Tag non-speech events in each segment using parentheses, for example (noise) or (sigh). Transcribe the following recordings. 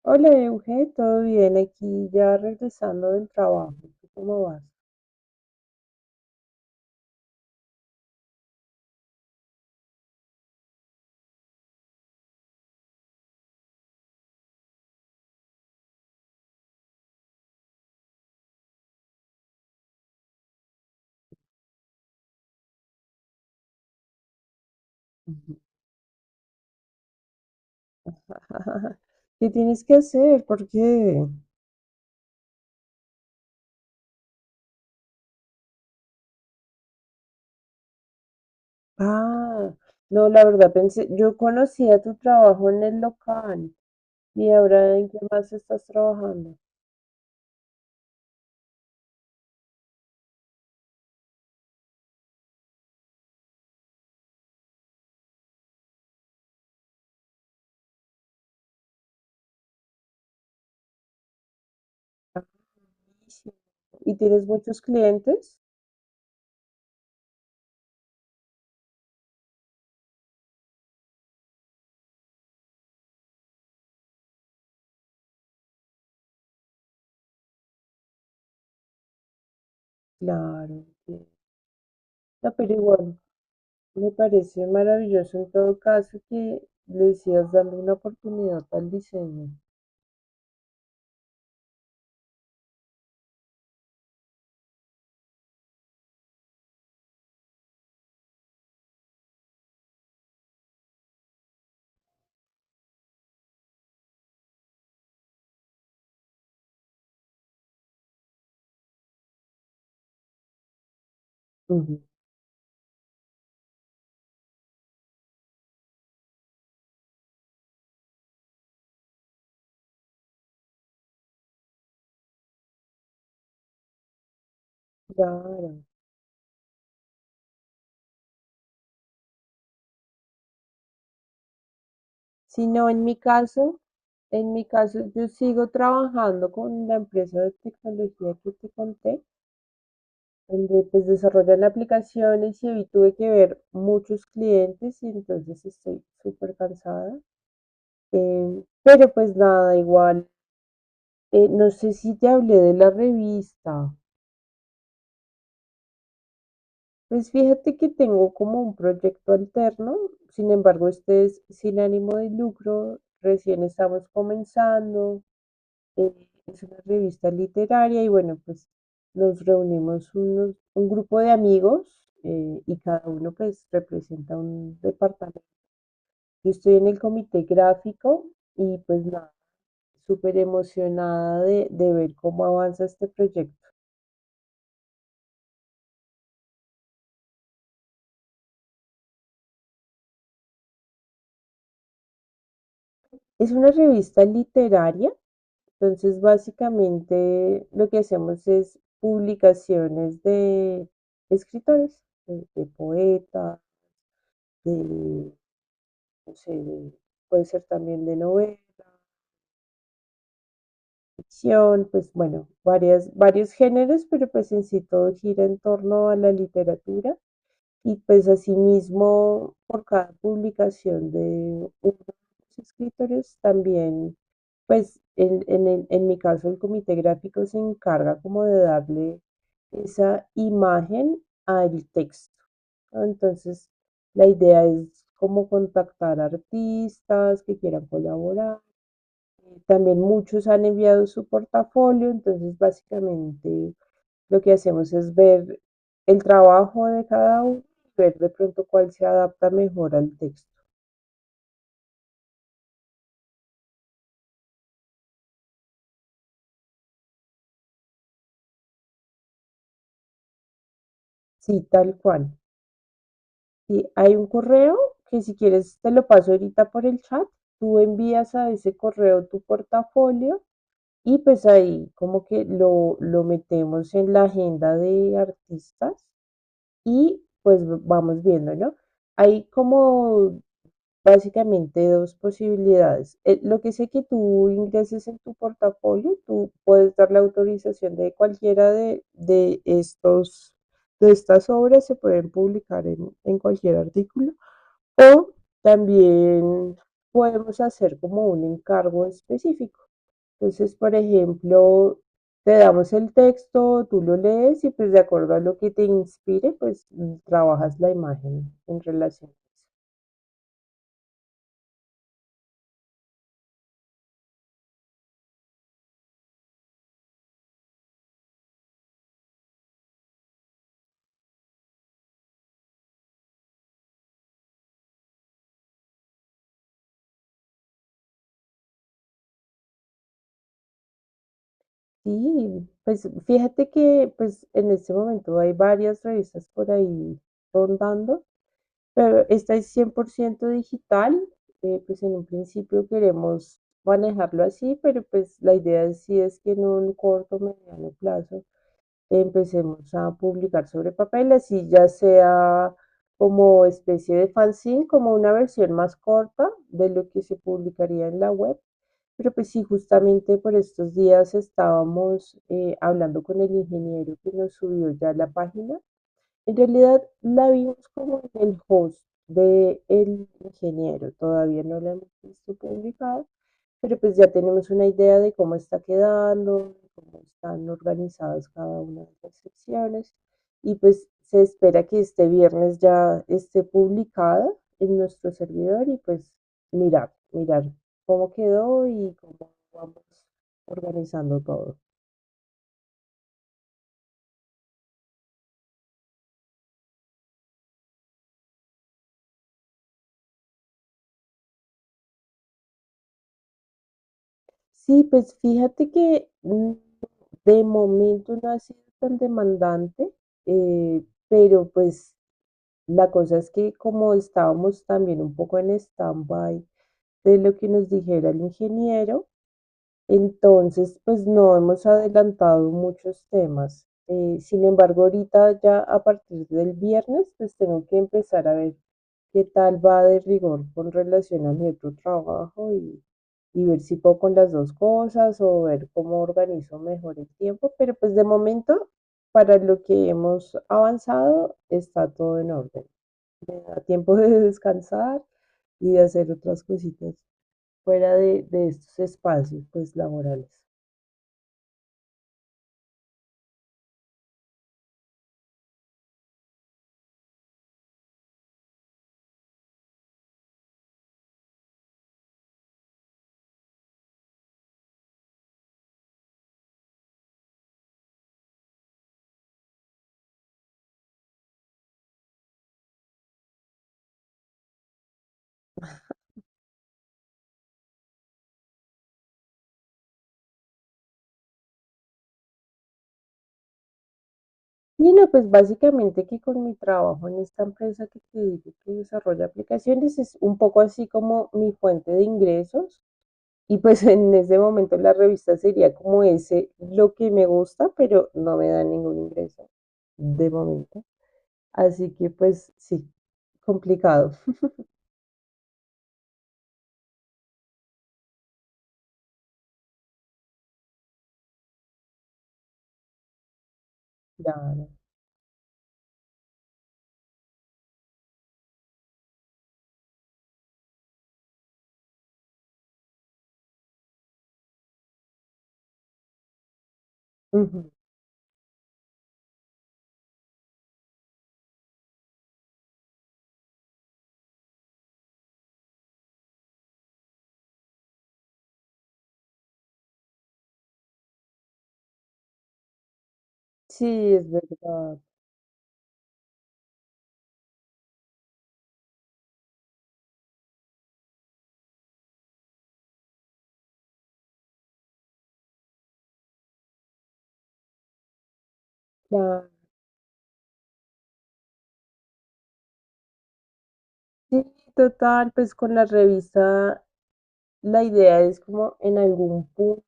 Hola, Euge, ¿todo bien? Aquí ya regresando del trabajo. ¿Tú cómo vas? Ujú. (laughs) ¿Qué tienes que hacer? ¿Por qué? Ah, no, la verdad pensé, yo conocía tu trabajo en el local y ahora ¿en qué más estás trabajando? Sí. ¿Y tienes muchos clientes? Claro, sí. No, pero igual, me parece maravilloso en todo caso que le sigas dando una oportunidad al diseño. Ujú. Claro. Sino en mi caso, yo sigo trabajando con la empresa de tecnología que te conté, donde pues desarrollan aplicaciones y hoy tuve que ver muchos clientes y entonces estoy súper cansada. Pero pues nada, igual, no sé si te hablé de la revista. Pues fíjate que tengo como un proyecto alterno, sin embargo, este es sin ánimo de lucro, recién estamos comenzando. eh, es una revista literaria y bueno, pues nos reunimos un grupo de amigos y cada uno pues representa un departamento. Yo estoy en el comité gráfico y pues nada, súper emocionada de ver cómo avanza este proyecto. Es una revista literaria, entonces básicamente lo que hacemos es publicaciones de escritores, de poetas, de sí, puede ser también de novela, ficción, pues bueno, varios géneros, pero pues en sí todo gira en torno a la literatura y pues asimismo por cada publicación de uno de los escritores también, pues en mi caso el comité gráfico se encarga como de darle esa imagen al texto, ¿no? Entonces, la idea es como contactar artistas que quieran colaborar, también muchos han enviado su portafolio, entonces básicamente lo que hacemos es ver el trabajo de cada uno, ver de pronto cuál se adapta mejor al texto. Sí, tal cual. Sí, hay un correo que si quieres te lo paso ahorita por el chat, tú envías a ese correo tu portafolio y pues ahí como que lo metemos en la agenda de artistas y pues vamos viendo, ¿no? Hay como básicamente dos posibilidades. Lo que sé que tú ingreses en tu portafolio, tú puedes dar la autorización de cualquiera de estos, de estas obras, se pueden publicar en cualquier artículo. O también podemos hacer como un encargo específico. Entonces, por ejemplo, te damos el texto, tú lo lees y pues de acuerdo a lo que te inspire, pues trabajas la imagen en relación. Sí, pues fíjate que pues en este momento hay varias revistas por ahí rondando, pero esta es 100% digital. Pues en un principio queremos manejarlo así, pero pues la idea sí es que en un corto, mediano plazo empecemos a publicar sobre papel, así ya sea como especie de fanzine, como una versión más corta de lo que se publicaría en la web. Pero pues sí, justamente por estos días estábamos hablando con el ingeniero que nos subió ya la página, en realidad la vimos como en el host de El Ingeniero, todavía no la hemos visto publicada, pero pues ya tenemos una idea de cómo está quedando, de cómo están organizadas cada una de las secciones y pues se espera que este viernes ya esté publicada en nuestro servidor y pues mirar cómo quedó y cómo vamos organizando todo. Sí, pues fíjate que de momento no ha sido tan demandante, pero pues la cosa es que como estábamos también un poco en stand-by de lo que nos dijera el ingeniero, entonces pues no hemos adelantado muchos temas. Sin embargo, ahorita ya a partir del viernes pues tengo que empezar a ver qué tal va de rigor con relación a mi otro trabajo, y ver si puedo con las dos cosas o ver cómo organizo mejor el tiempo, pero pues de momento, para lo que hemos avanzado, está todo en orden. A tiempo de descansar y de hacer otras cositas fuera de estos espacios pues laborales. Y no, pues básicamente que con mi trabajo en esta empresa que te digo que desarrolla aplicaciones es un poco así como mi fuente de ingresos. Y pues en ese momento la revista sería como ese lo que me gusta, pero no me da ningún ingreso de momento. Así que pues sí, complicado. (laughs) Claro. Ujú. Sí, es verdad. Claro. Sí, total, pues con la revista la idea es como en algún punto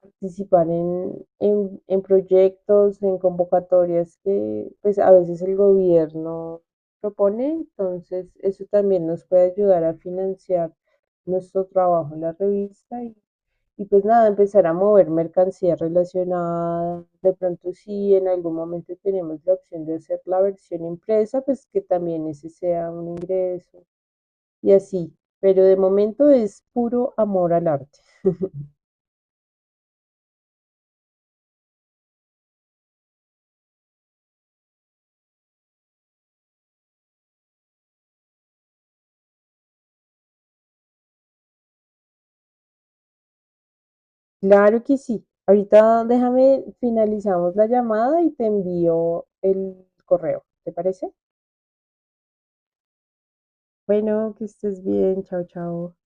participar en proyectos, en convocatorias que pues a veces el gobierno propone, entonces eso también nos puede ayudar a financiar nuestro trabajo en la revista, y pues nada, empezar a mover mercancía relacionada, de pronto si en algún momento tenemos la opción de hacer la versión impresa, pues que también ese sea un ingreso y así, pero de momento es puro amor al arte. Claro que sí. Ahorita déjame, finalizamos la llamada y te envío el correo. ¿Te parece? Bueno, que estés bien. Chao, chao.